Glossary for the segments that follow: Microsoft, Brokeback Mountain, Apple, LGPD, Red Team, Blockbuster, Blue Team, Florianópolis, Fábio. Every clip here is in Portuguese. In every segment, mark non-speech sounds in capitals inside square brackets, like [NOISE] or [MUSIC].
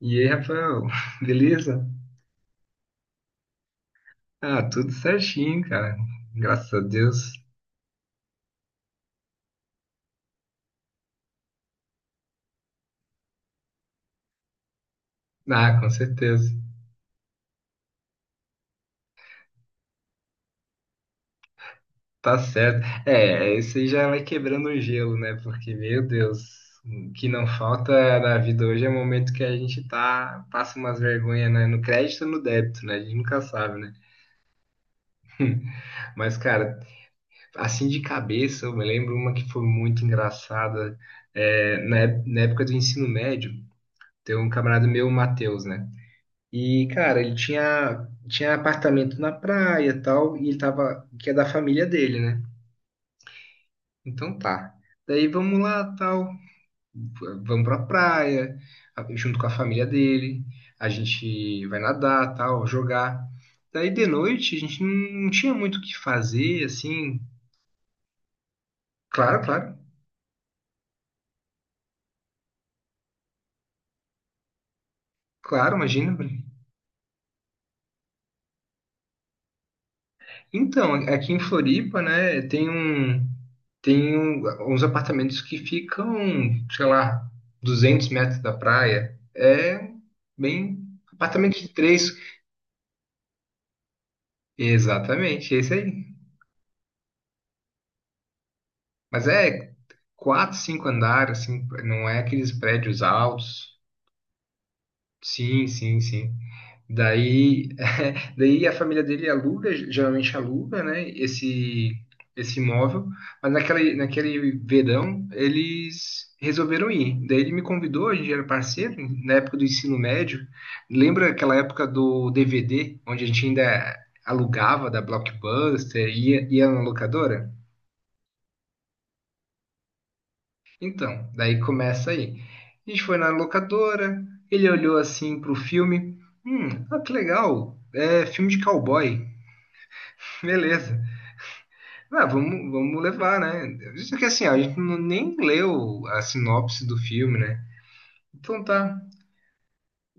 E aí, Rafael, [LAUGHS] beleza? Ah, tudo certinho, cara. Graças a Deus. Ah, com certeza. Tá certo. É, isso aí já vai quebrando o gelo, né? Porque, meu Deus, o que não falta na vida hoje é o momento que a gente tá, passa umas vergonhas, né? No crédito ou no débito, né? A gente nunca sabe, né? Mas, cara, assim de cabeça, eu me lembro uma que foi muito engraçada. É, na época do ensino médio, tem um camarada meu, o Matheus, né? E, cara, ele tinha apartamento na praia e tal, e ele tava, que é da família dele, né? Então tá. Daí vamos lá, tal, vamos pra praia, junto com a família dele, a gente vai nadar, tal, jogar. Daí de noite a gente não tinha muito o que fazer, assim, claro, claro, claro, imagina. Então, aqui em Floripa, né, uns apartamentos que ficam, sei lá, 200 metros da praia. É bem apartamento de três. Exatamente, esse aí. Mas é quatro, cinco andares, assim, não é aqueles prédios altos. Sim, sim, sim. Daí Daí a família dele aluga, geralmente aluga, né, esse imóvel, mas naquele verão eles resolveram ir. Daí ele me convidou, a gente era parceiro, na época do ensino médio. Lembra aquela época do DVD, onde a gente ainda alugava da Blockbuster, ia na locadora? Então, daí começa aí. A gente foi na locadora, ele olhou assim pro filme, ah, que legal, é filme de cowboy, [LAUGHS] beleza. Ah, vamos levar, né? Isso que assim, a gente não, nem leu a sinopse do filme, né? Então tá.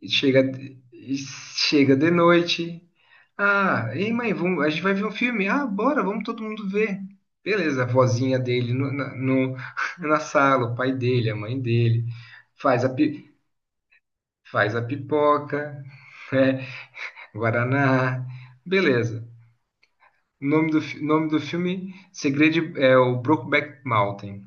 E chega de noite. Ah, ei mãe, vamos, a gente vai ver um filme. Ah, bora, vamos todo mundo ver. Beleza, a vozinha dele no, na, no- [LAUGHS] na sala, o pai dele, a mãe dele. Faz a, pi- faz a pipoca, [LAUGHS] né? Guaraná. Beleza. O nome do filme Segredo é o Brokeback Mountain.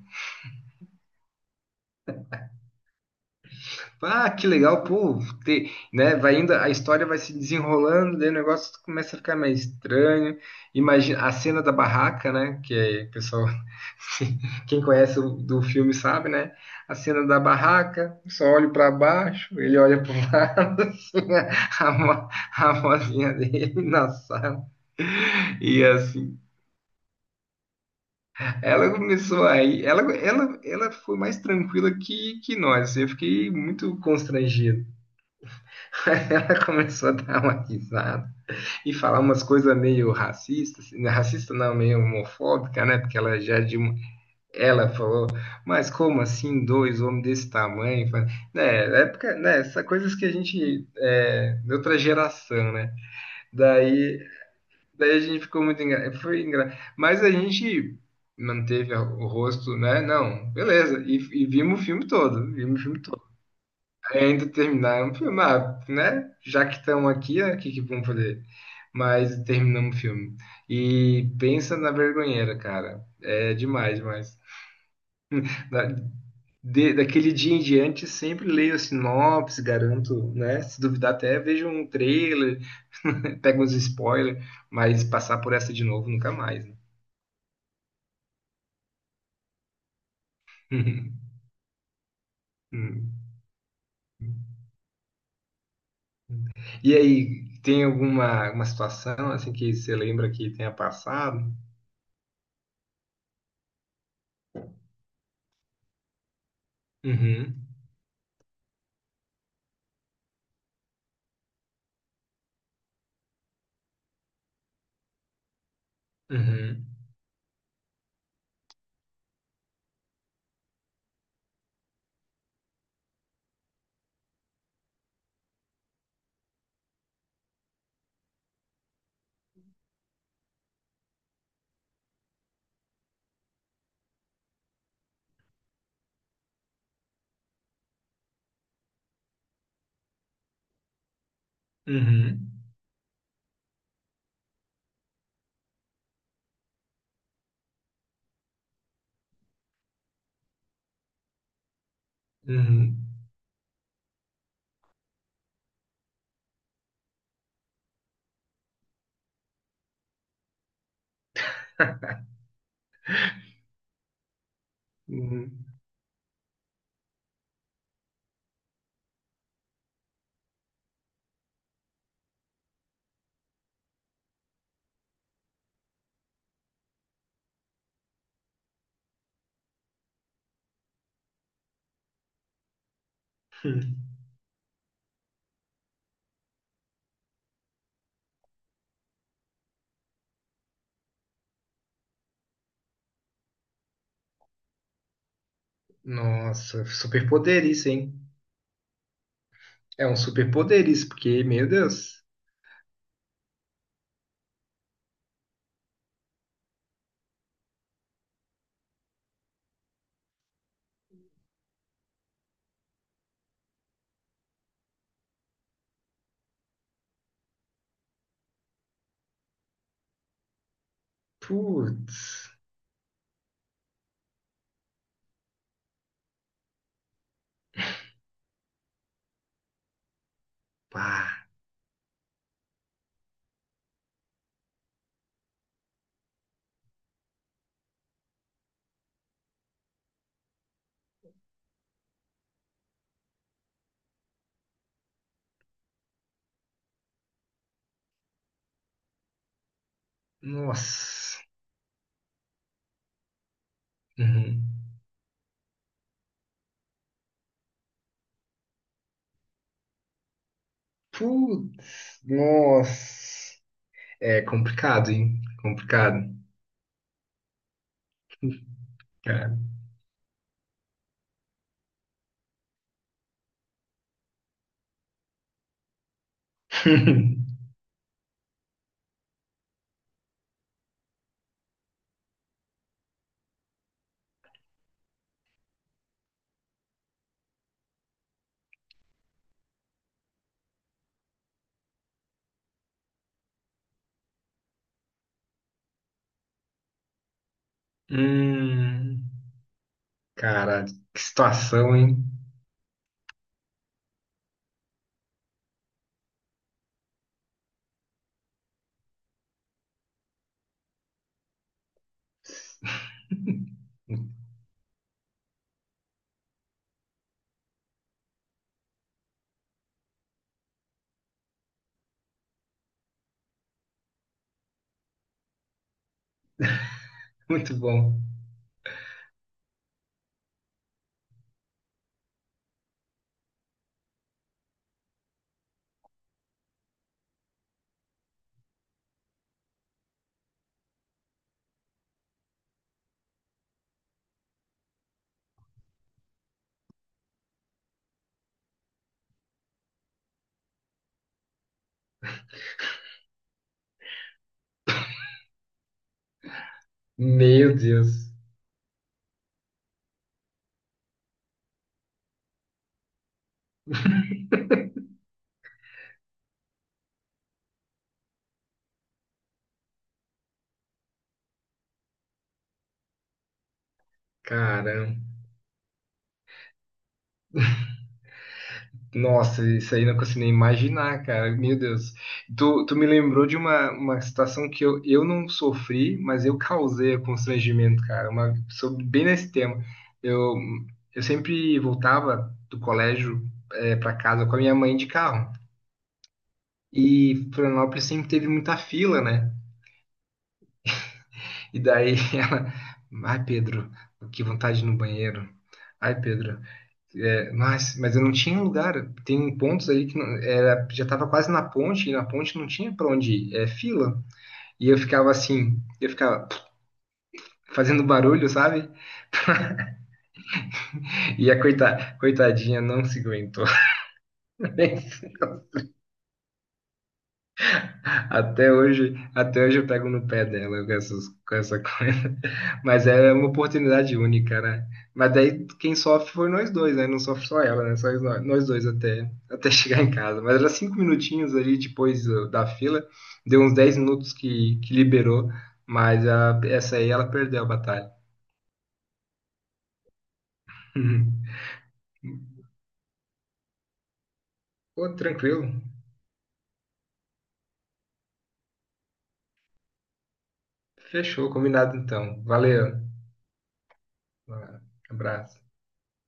Ah, que legal, pô, ter, né? Vai indo, a história vai se desenrolando, daí o negócio começa a ficar mais estranho. Imagina a cena da barraca, né? Que é, o pessoal, [LAUGHS] quem conhece do filme sabe, né? A cena da barraca, só olho para baixo, ele olha para o [LAUGHS] lado, assim, né, a, mo- a mozinha dele na sala. E assim, ela começou aí, ela foi mais tranquila que nós. Assim, eu fiquei muito constrangido. [LAUGHS] Aí, ela começou a dar uma risada e falar umas coisas meio racistas, assim, né? Racista não, meio homofóbica, né? Porque ela já é. Ela falou, mas como assim dois homens desse tamanho? Né, na época, né? Essas coisas que a gente é, de outra geração, né? Daí, daí a gente ficou muito foi mas a gente manteve o rosto, né? Não, beleza. E vimos o filme todo, vimos o filme todo. É ainda terminar um filme, ah, né? Já que estão aqui, né? O que que vamos fazer? Mas terminamos o filme. E pensa na vergonheira, cara. É demais, demais. Da, daquele dia em diante, sempre leio a sinopse, garanto, né? Se duvidar até, vejo um trailer, [LAUGHS] pego uns spoilers, mas passar por essa de novo nunca mais, né? [LAUGHS] Hum. E aí, tem alguma situação assim que você lembra que tenha passado? Uhum, uhum. Uhum. Uhum. Uhum. Hum. Nossa, superpoder isso, hein? É um superpoder isso, porque, meu Deus. Putz. Pá. Nossa. Uhum. Putz. Nossa. É complicado, hein? Complicado. Cara. [LAUGHS] Hum. Cara, que situação, hein? [LAUGHS] Muito bom. Meu Deus. [LAUGHS] Caramba. Nossa, isso aí eu não consigo nem imaginar, cara. Meu Deus. Tu me lembrou de uma situação que eu não sofri, mas eu causei o constrangimento, cara. Uma, sobre, bem nesse tema. Eu, eu sempre voltava do colégio para casa com a minha mãe de carro. E Florianópolis sempre teve muita fila, né? E daí [LAUGHS] ela. Ai, Pedro, que vontade no banheiro. Ai, Pedro. É, mas eu não tinha um lugar. Tem pontos aí que não- era, já estava quase na ponte, e na ponte não tinha para onde ir, é fila. E eu ficava assim, eu ficava fazendo barulho, sabe? E a coitadinha não se aguentou. [LAUGHS] Até hoje eu pego no pé dela com essa [LAUGHS] coisa. Mas é uma oportunidade única, né? Mas daí quem sofre foi nós dois, né? Não sofre só ela, né? Só nós dois até [LAUGHS] chegar em casa. Mas era 5 minutinhos ali depois da fila, deu uns 10 minutos que liberou, mas essa aí ela perdeu a batalha. [LAUGHS] Pô, tranquilo. Fechou, combinado então. Valeu. Um abraço.